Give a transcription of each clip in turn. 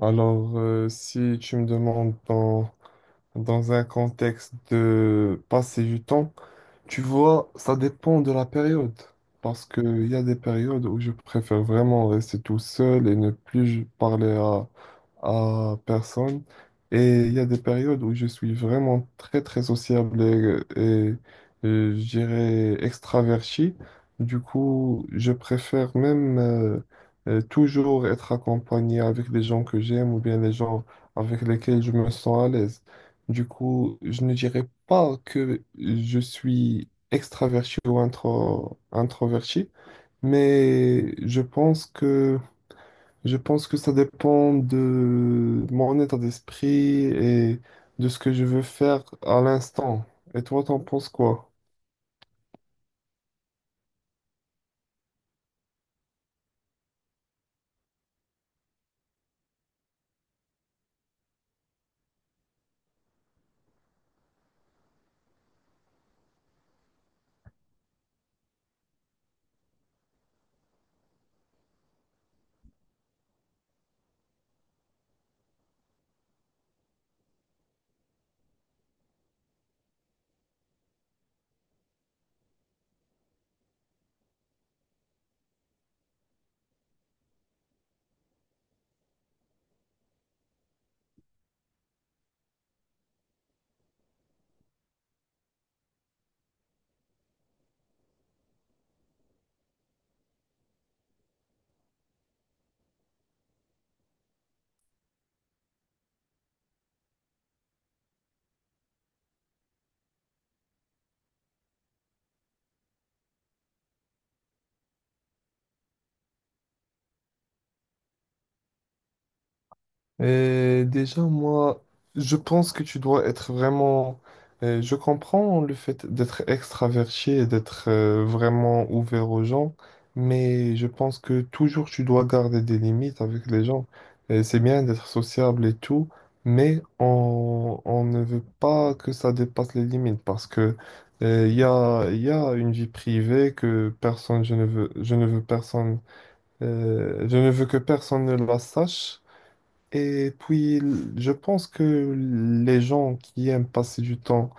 Alors, si tu me demandes dans un contexte de passer du temps, tu vois, ça dépend de la période. Parce qu'il y a des périodes où je préfère vraiment rester tout seul et ne plus parler à personne. Et il y a des périodes où je suis vraiment très, très sociable et je dirais extraverti. Du coup, je préfère même toujours être accompagné avec les gens que j'aime ou bien les gens avec lesquels je me sens à l'aise. Du coup, je ne dirais pas que je suis extraverti ou introverti, mais je pense que ça dépend de mon état d'esprit et de ce que je veux faire à l'instant. Et toi, t'en penses quoi? Et déjà, moi, je pense que tu dois être vraiment... je comprends le fait d'être extraverti et d'être vraiment ouvert aux gens, mais je pense que toujours tu dois garder des limites avec les gens. Et c'est bien d'être sociable et tout, mais on ne veut pas que ça dépasse les limites parce que il y a une vie privée que personne, je ne veux personne, je ne veux que personne ne la sache. Et puis, je pense que les gens qui aiment passer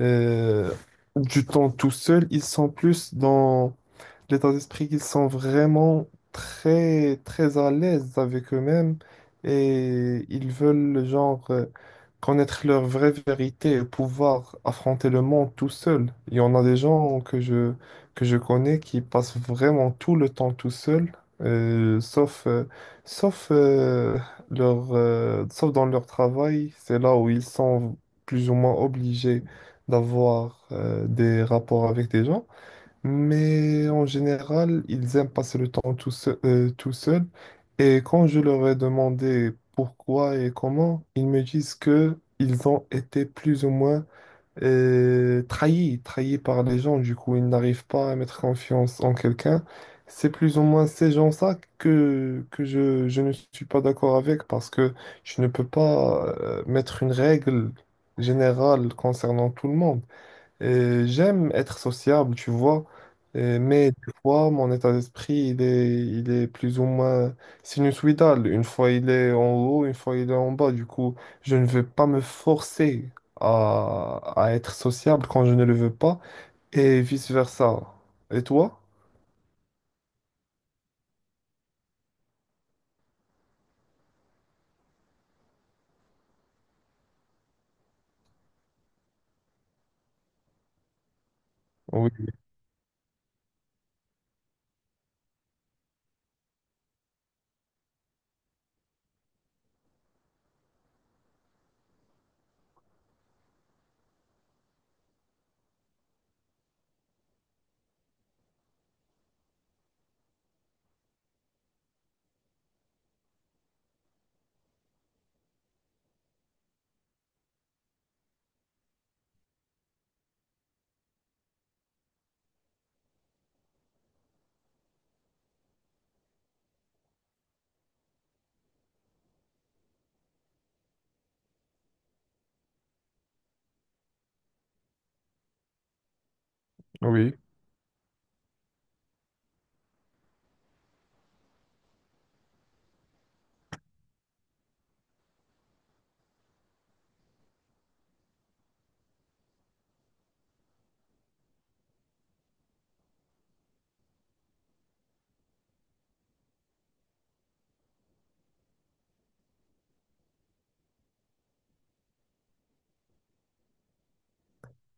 euh, du temps tout seul, ils sont plus l'état d'esprit qu'ils sont vraiment très, très à l'aise avec eux-mêmes et ils veulent, genre, connaître leur vraie vérité et pouvoir affronter le monde tout seul. Il y en a des gens que je connais qui passent vraiment tout le temps tout seuls, euh, sauf, euh, sauf, euh, sauf dans leur travail. C'est là où ils sont plus ou moins obligés d'avoir des rapports avec des gens. Mais en général, ils aiment passer le temps tout seul, tout seul. Et quand je leur ai demandé pourquoi et comment, ils me disent que ils ont été plus ou moins trahis par les gens. Du coup, ils n'arrivent pas à mettre confiance en quelqu'un. C'est plus ou moins ces gens-là que je ne suis pas d'accord avec parce que je ne peux pas mettre une règle générale concernant tout le monde. J'aime être sociable, tu vois, mais des fois, mon état d'esprit, il est plus ou moins sinusoïdal. Une fois, il est en haut, une fois, il est en bas. Du coup, je ne vais pas me forcer à être sociable quand je ne le veux pas, et vice-versa. Et toi? Oui, oui.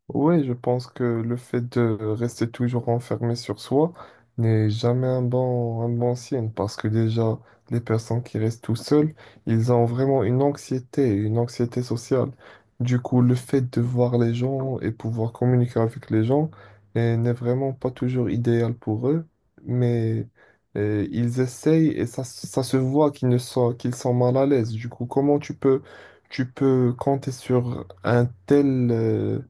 Oui, je pense que le fait de rester toujours enfermé sur soi n'est jamais un un bon signe parce que déjà, les personnes qui restent tout seules, ils ont vraiment une une anxiété sociale. Du coup, le fait de voir les gens et pouvoir communiquer avec les gens n'est vraiment pas toujours idéal pour eux, mais ils essayent et ça se voit qu'ils ne sont, qu'ils sont mal à l'aise. Du coup, tu peux compter sur un tel... euh,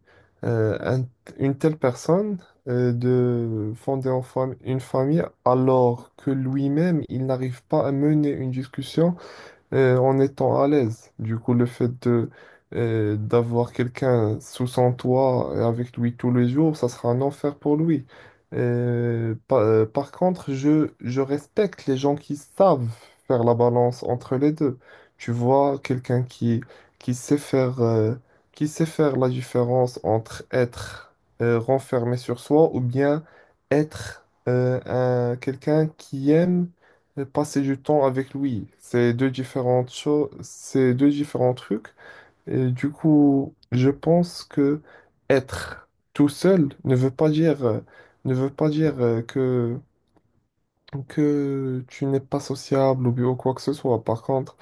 euh, un- une telle personne de fonder une famille alors que lui-même, il n'arrive pas à mener une discussion en étant à l'aise. Du coup, le fait de d'avoir quelqu'un sous son toit et avec lui tous les jours, ça sera un enfer pour lui. Par contre, je respecte les gens qui savent faire la balance entre les deux. Tu vois, qui sait qui sait faire la différence entre être renfermé sur soi ou bien être quelqu'un qui aime et passer du temps avec lui. C'est deux différentes choses, c'est deux différents trucs. Et du coup, je pense que être tout seul ne veut pas ne veut pas dire que tu n'es pas sociable ou bien quoi que ce soit. Par contre,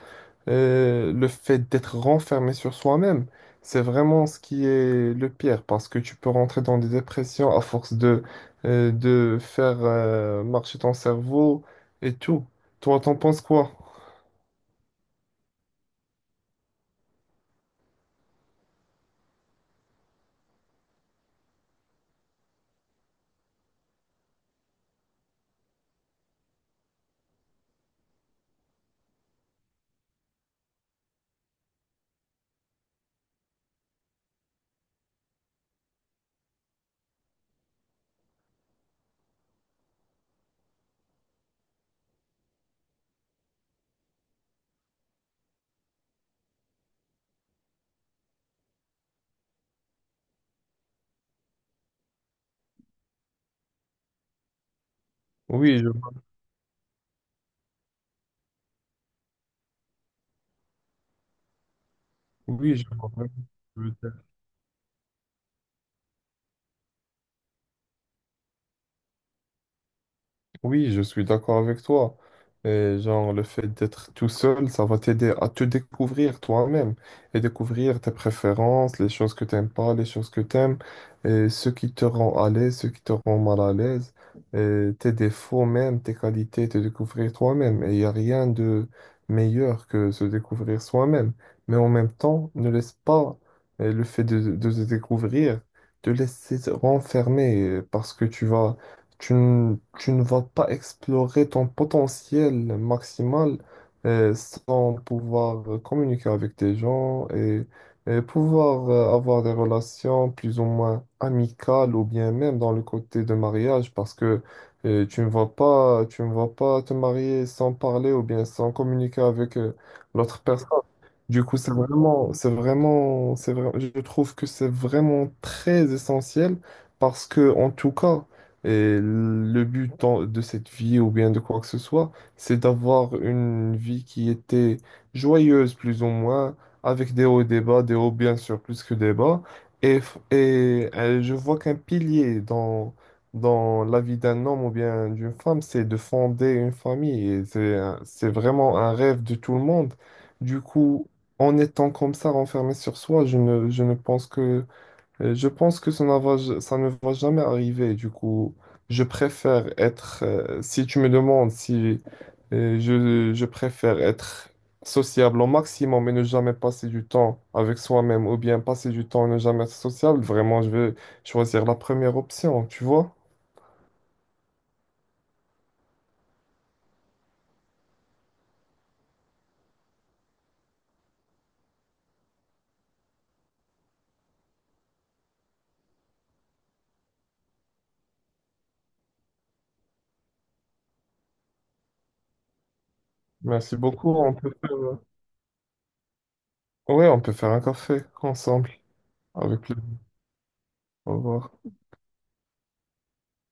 le fait d'être renfermé sur soi-même, c'est vraiment ce qui est le pire parce que tu peux rentrer dans des dépressions à force de faire marcher ton cerveau et tout. Toi, t'en penses quoi? Oui, je vois. Oui, je vois. Oui, je suis d'accord avec toi. Et genre, le fait d'être tout seul, ça va t'aider à te découvrir toi-même et découvrir tes préférences, les choses que t'aimes pas, les choses que t'aimes, et ce qui te rend à l'aise, ce qui te rend mal à l'aise, et tes défauts même, tes qualités, te découvrir toi-même. Et il n'y a rien de meilleur que se découvrir soi-même. Mais en même temps, ne laisse pas de se découvrir te laisser renfermer parce que tu ne vas pas explorer ton potentiel maximal sans pouvoir communiquer avec des gens et pouvoir avoir des relations plus ou moins amicales ou bien même dans le côté de mariage parce que tu ne vas pas te marier sans parler ou bien sans communiquer avec l'autre. Du coup, c'est vraiment, c'est vraiment, c'est vrai- je trouve que c'est vraiment très essentiel parce que, en tout cas, et le but de cette vie ou bien de quoi que ce soit, c'est d'avoir une vie qui était joyeuse, plus ou moins, avec des hauts et des bas, des hauts bien sûr, plus que des bas. Et je vois qu'un pilier dans la vie d'un homme ou bien d'une femme, c'est de fonder une famille. Et c'est vraiment un rêve de tout le monde. Du coup, en étant comme ça renfermé sur soi, je ne pense que, je pense que ça ne ça ne va jamais arriver. Du coup, je préfère être, si tu me demandes si je préfère être sociable au maximum et ne jamais passer du temps avec soi-même ou bien passer du temps et ne jamais être sociable, vraiment, je vais choisir la première option, tu vois? Merci beaucoup. Ouais, on peut faire un café ensemble avec le. Au revoir.